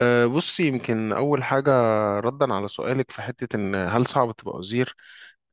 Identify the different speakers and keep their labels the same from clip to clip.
Speaker 1: بصي، يمكن أول حاجة ردا على سؤالك في حتة إن هل صعب تبقى وزير؟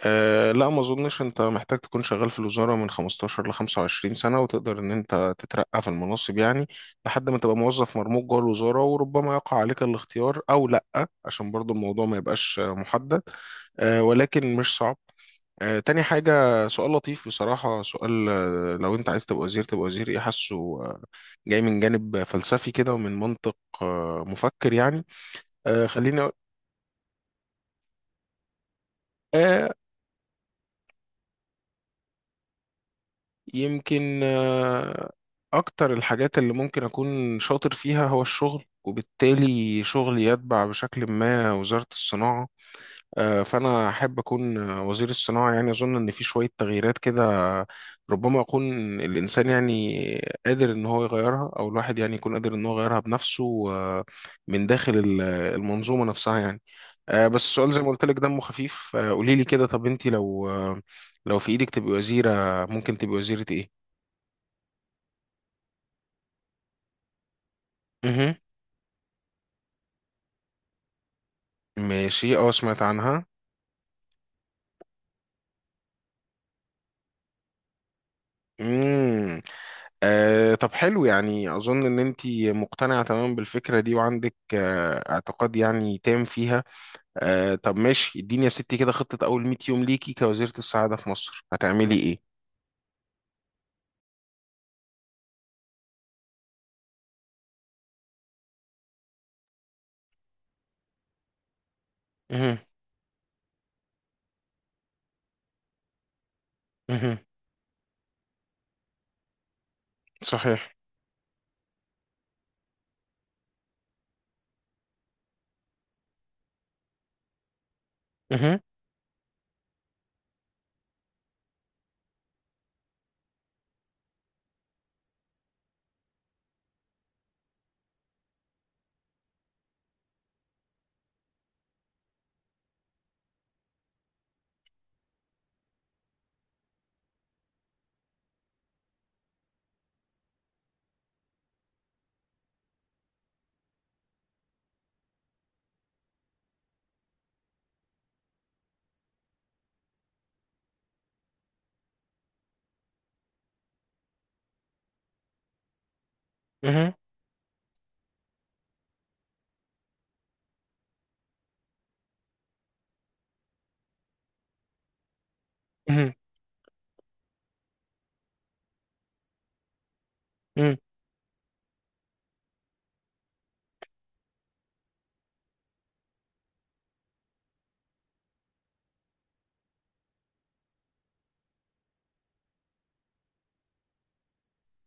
Speaker 1: أه، لا، ما أظنش. أنت محتاج تكون شغال في الوزارة من 15 ل 25 سنة، وتقدر إن أنت تترقى في المناصب، يعني لحد ما تبقى موظف مرموق جوه الوزارة، وربما يقع عليك الاختيار أو لأ، عشان برضو الموضوع ما يبقاش محدد. أه، ولكن مش صعب. تاني حاجة. سؤال لطيف بصراحة، سؤال، لو أنت عايز تبقى وزير، تبقى وزير إيه؟ حاسه آه، جاي من جانب فلسفي كده، ومن منطق مفكر يعني. خليني أقول آه، يمكن أكتر الحاجات اللي ممكن أكون شاطر فيها هو الشغل، وبالتالي شغلي يتبع بشكل ما وزارة الصناعة. فأنا أحب أكون وزير الصناعة. يعني أظن إن في شوية تغييرات كده، ربما يكون الإنسان يعني قادر إن هو يغيرها، أو الواحد يعني يكون قادر إن هو يغيرها بنفسه، من داخل المنظومة نفسها يعني. بس السؤال زي ما قلت لك دمه خفيف. قولي لي كده، طب أنت لو لو في إيدك تبقي وزيرة، ممكن تبقي وزيرة إيه؟ مهم. ماشي، أه سمعت عنها. مم. آه، طب حلو، يعني أظن إن أنت مقتنعة تماما بالفكرة دي، وعندك آه اعتقاد يعني تام فيها. آه طب ماشي، اديني يا ستي كده خطة أول 100 يوم ليكي كوزيرة السعادة في مصر، هتعملي إيه؟ مهم. مهم. صحيح. مهم. مهم. مهم. مهم.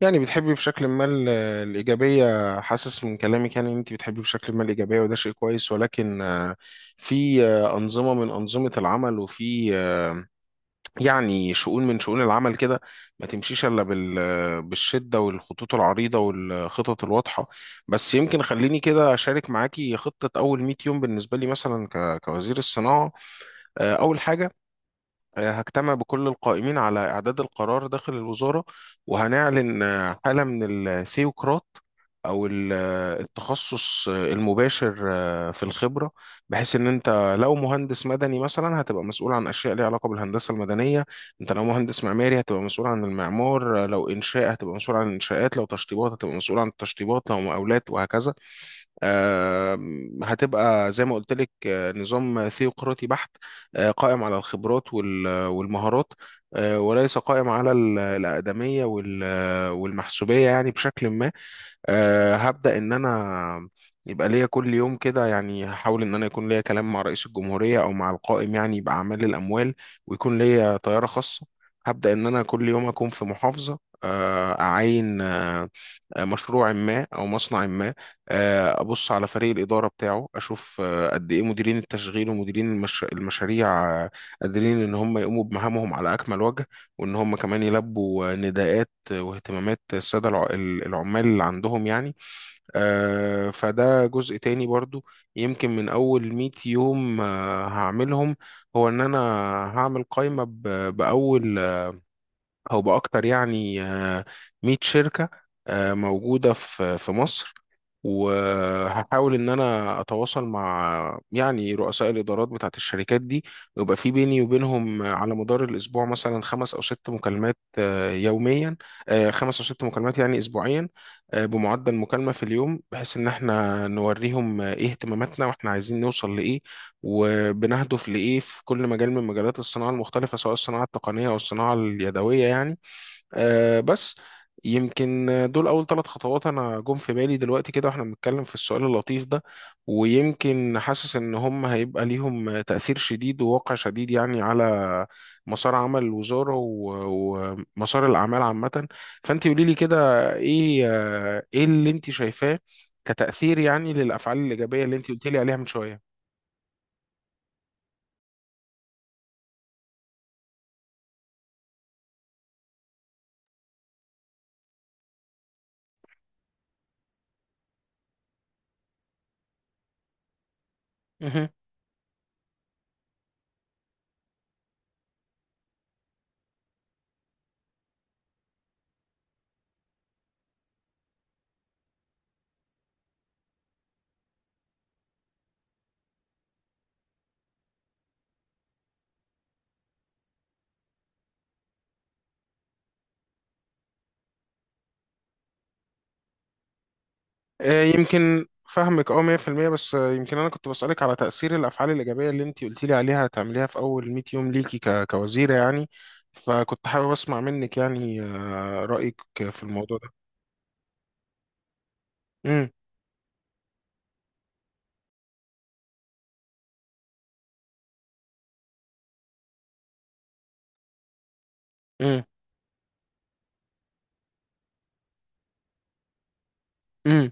Speaker 1: يعني بتحبي بشكل ما الإيجابية. حاسس من كلامك يعني إن أنت بتحبي بشكل ما الإيجابية، وده شيء كويس، ولكن في أنظمة من أنظمة العمل، وفي يعني شؤون من شؤون العمل كده، ما تمشيش الا بالشده والخطوط العريضه والخطط الواضحه. بس يمكن خليني كده اشارك معاكي خطه اول 100 يوم بالنسبه لي مثلا كوزير الصناعه. اول حاجه، هجتمع بكل القائمين على إعداد القرار داخل الوزارة، وهنعلن حالة من الثيوقراط أو التخصص المباشر في الخبرة، بحيث إن أنت لو مهندس مدني مثلا هتبقى مسؤول عن أشياء ليها علاقة بالهندسة المدنية. أنت لو مهندس معماري هتبقى مسؤول عن المعمار، لو إنشاء هتبقى مسؤول عن الإنشاءات، لو تشطيبات هتبقى مسؤول عن التشطيبات، لو مقاولات وهكذا. هتبقى زي ما قلت لك نظام ثيوقراطي بحت، قائم على الخبرات والمهارات، وليس قائم على الأقدمية والمحسوبية، يعني بشكل ما. أه، هبدأ إن أنا يبقى ليا كل يوم كده، يعني هحاول إن أنا يكون ليا كلام مع رئيس الجمهورية أو مع القائم، يعني يبقى أعمال الأموال، ويكون ليا طيارة خاصة. هبدأ إن أنا كل يوم أكون في محافظة، أعاين مشروع ما أو مصنع ما. أبص على فريق الإدارة بتاعه، أشوف قد إيه مديرين التشغيل ومديرين المشاريع قادرين إن هم يقوموا بمهامهم على أكمل وجه، وإن هم كمان يلبوا نداءات واهتمامات السادة العمال اللي عندهم يعني. فده جزء تاني برضو يمكن من أول 100 يوم هعملهم. هو إن أنا هعمل قائمة بأول او باكتر، يعني 100 شركه موجوده في مصر، وهحاول ان انا اتواصل مع يعني رؤساء الادارات بتاعت الشركات دي، ويبقى في بيني وبينهم على مدار الاسبوع مثلا خمس او ست مكالمات يوميا. خمس او ست مكالمات يعني اسبوعيا. بمعدل مكالمه في اليوم، بحيث ان احنا نوريهم ايه اهتماماتنا، واحنا عايزين نوصل لايه، وبنهدف لإيه في كل مجال من مجالات الصناعة المختلفة، سواء الصناعة التقنية أو الصناعة اليدوية يعني. آه بس يمكن دول أول ثلاث خطوات أنا جم في بالي دلوقتي كده، وإحنا بنتكلم في السؤال اللطيف ده. ويمكن حاسس إن هم هيبقى ليهم تأثير شديد وواقع شديد يعني على مسار عمل الوزارة، ومسار الأعمال عامة. فأنت قولي لي كده إيه إيه اللي أنت شايفاه كتأثير يعني للأفعال الإيجابية اللي أنت قلت لي عليها من شوية. يمكن فهمك اه 100%، بس يمكن انا كنت بسألك على تأثير الافعال الايجابية اللي انت قلتي لي عليها هتعمليها في اول 100 يوم ليكي كوزيرة يعني. فكنت حابب اسمع منك يعني رأيك في الموضوع ده. امم. امم. امم.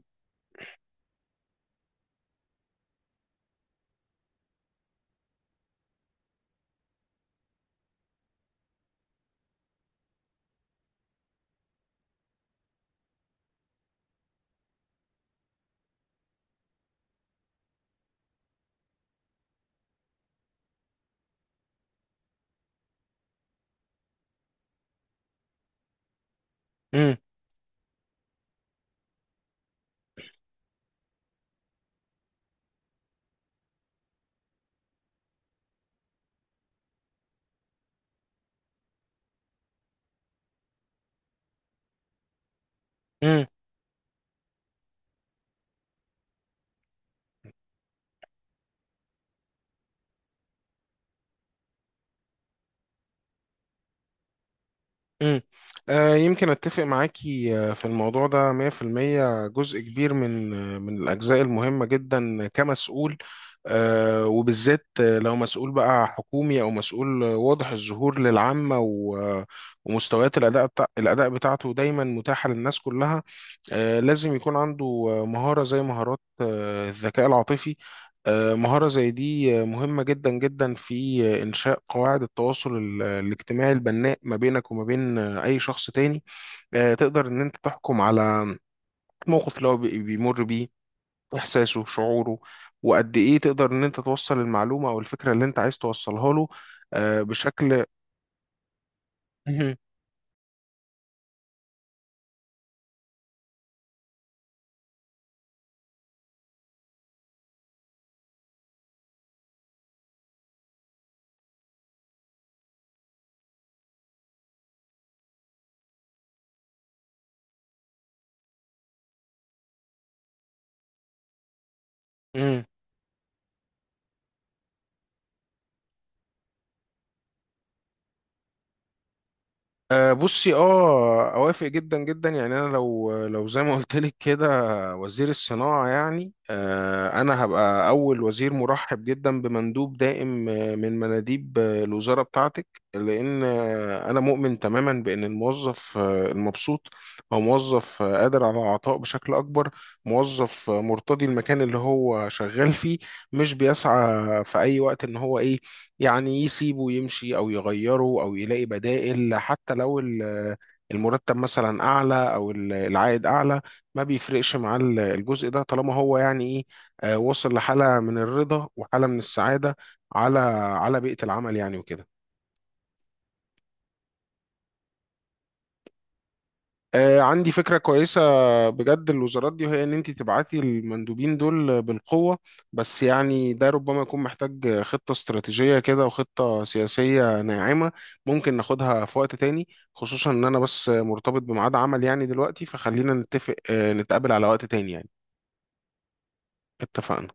Speaker 1: امم. امم. مم. يمكن أتفق معاكي في الموضوع ده 100%. جزء كبير من من الأجزاء المهمة جدا كمسؤول، وبالذات لو مسؤول بقى حكومي، أو مسؤول واضح الظهور للعامة، ومستويات الأداء بتاع الأداء بتاعته دايما متاحة للناس كلها. لازم يكون عنده مهارة زي مهارات الذكاء العاطفي. مهارة زي دي مهمة جدا جدا في إنشاء قواعد التواصل الاجتماعي البناء ما بينك وما بين أي شخص تاني. تقدر إن أنت تحكم على الموقف اللي هو بيمر بيه، إحساسه، شعوره، وقد إيه تقدر إن أنت توصل المعلومة أو الفكرة اللي أنت عايز توصلها له بشكل. مهم. أه بصي، اه اوافق جدا جدا يعني. انا لو زي ما قلت لك كده وزير الصناعه، يعني أه انا هبقى اول وزير مرحب جدا بمندوب دائم من مناديب الوزاره بتاعتك، لان انا مؤمن تماما بان الموظف المبسوط هو موظف قادر على العطاء بشكل اكبر. موظف مرتضي المكان اللي هو شغال فيه، مش بيسعى في اي وقت ان هو ايه، يعني يسيبه يمشي او يغيره او يلاقي بدائل. حتى لو المرتب مثلا اعلى او العائد اعلى، ما بيفرقش مع الجزء ده طالما هو يعني ايه وصل لحالة من الرضا وحالة من السعادة على على بيئة العمل يعني وكده. عندي فكرة كويسة بجد الوزارات دي، وهي إن أنت تبعتي المندوبين دول بالقوة. بس يعني ده ربما يكون محتاج خطة استراتيجية كده وخطة سياسية ناعمة، ممكن ناخدها في وقت تاني، خصوصا إن أنا بس مرتبط بميعاد عمل يعني دلوقتي، فخلينا نتفق نتقابل على وقت تاني يعني. اتفقنا.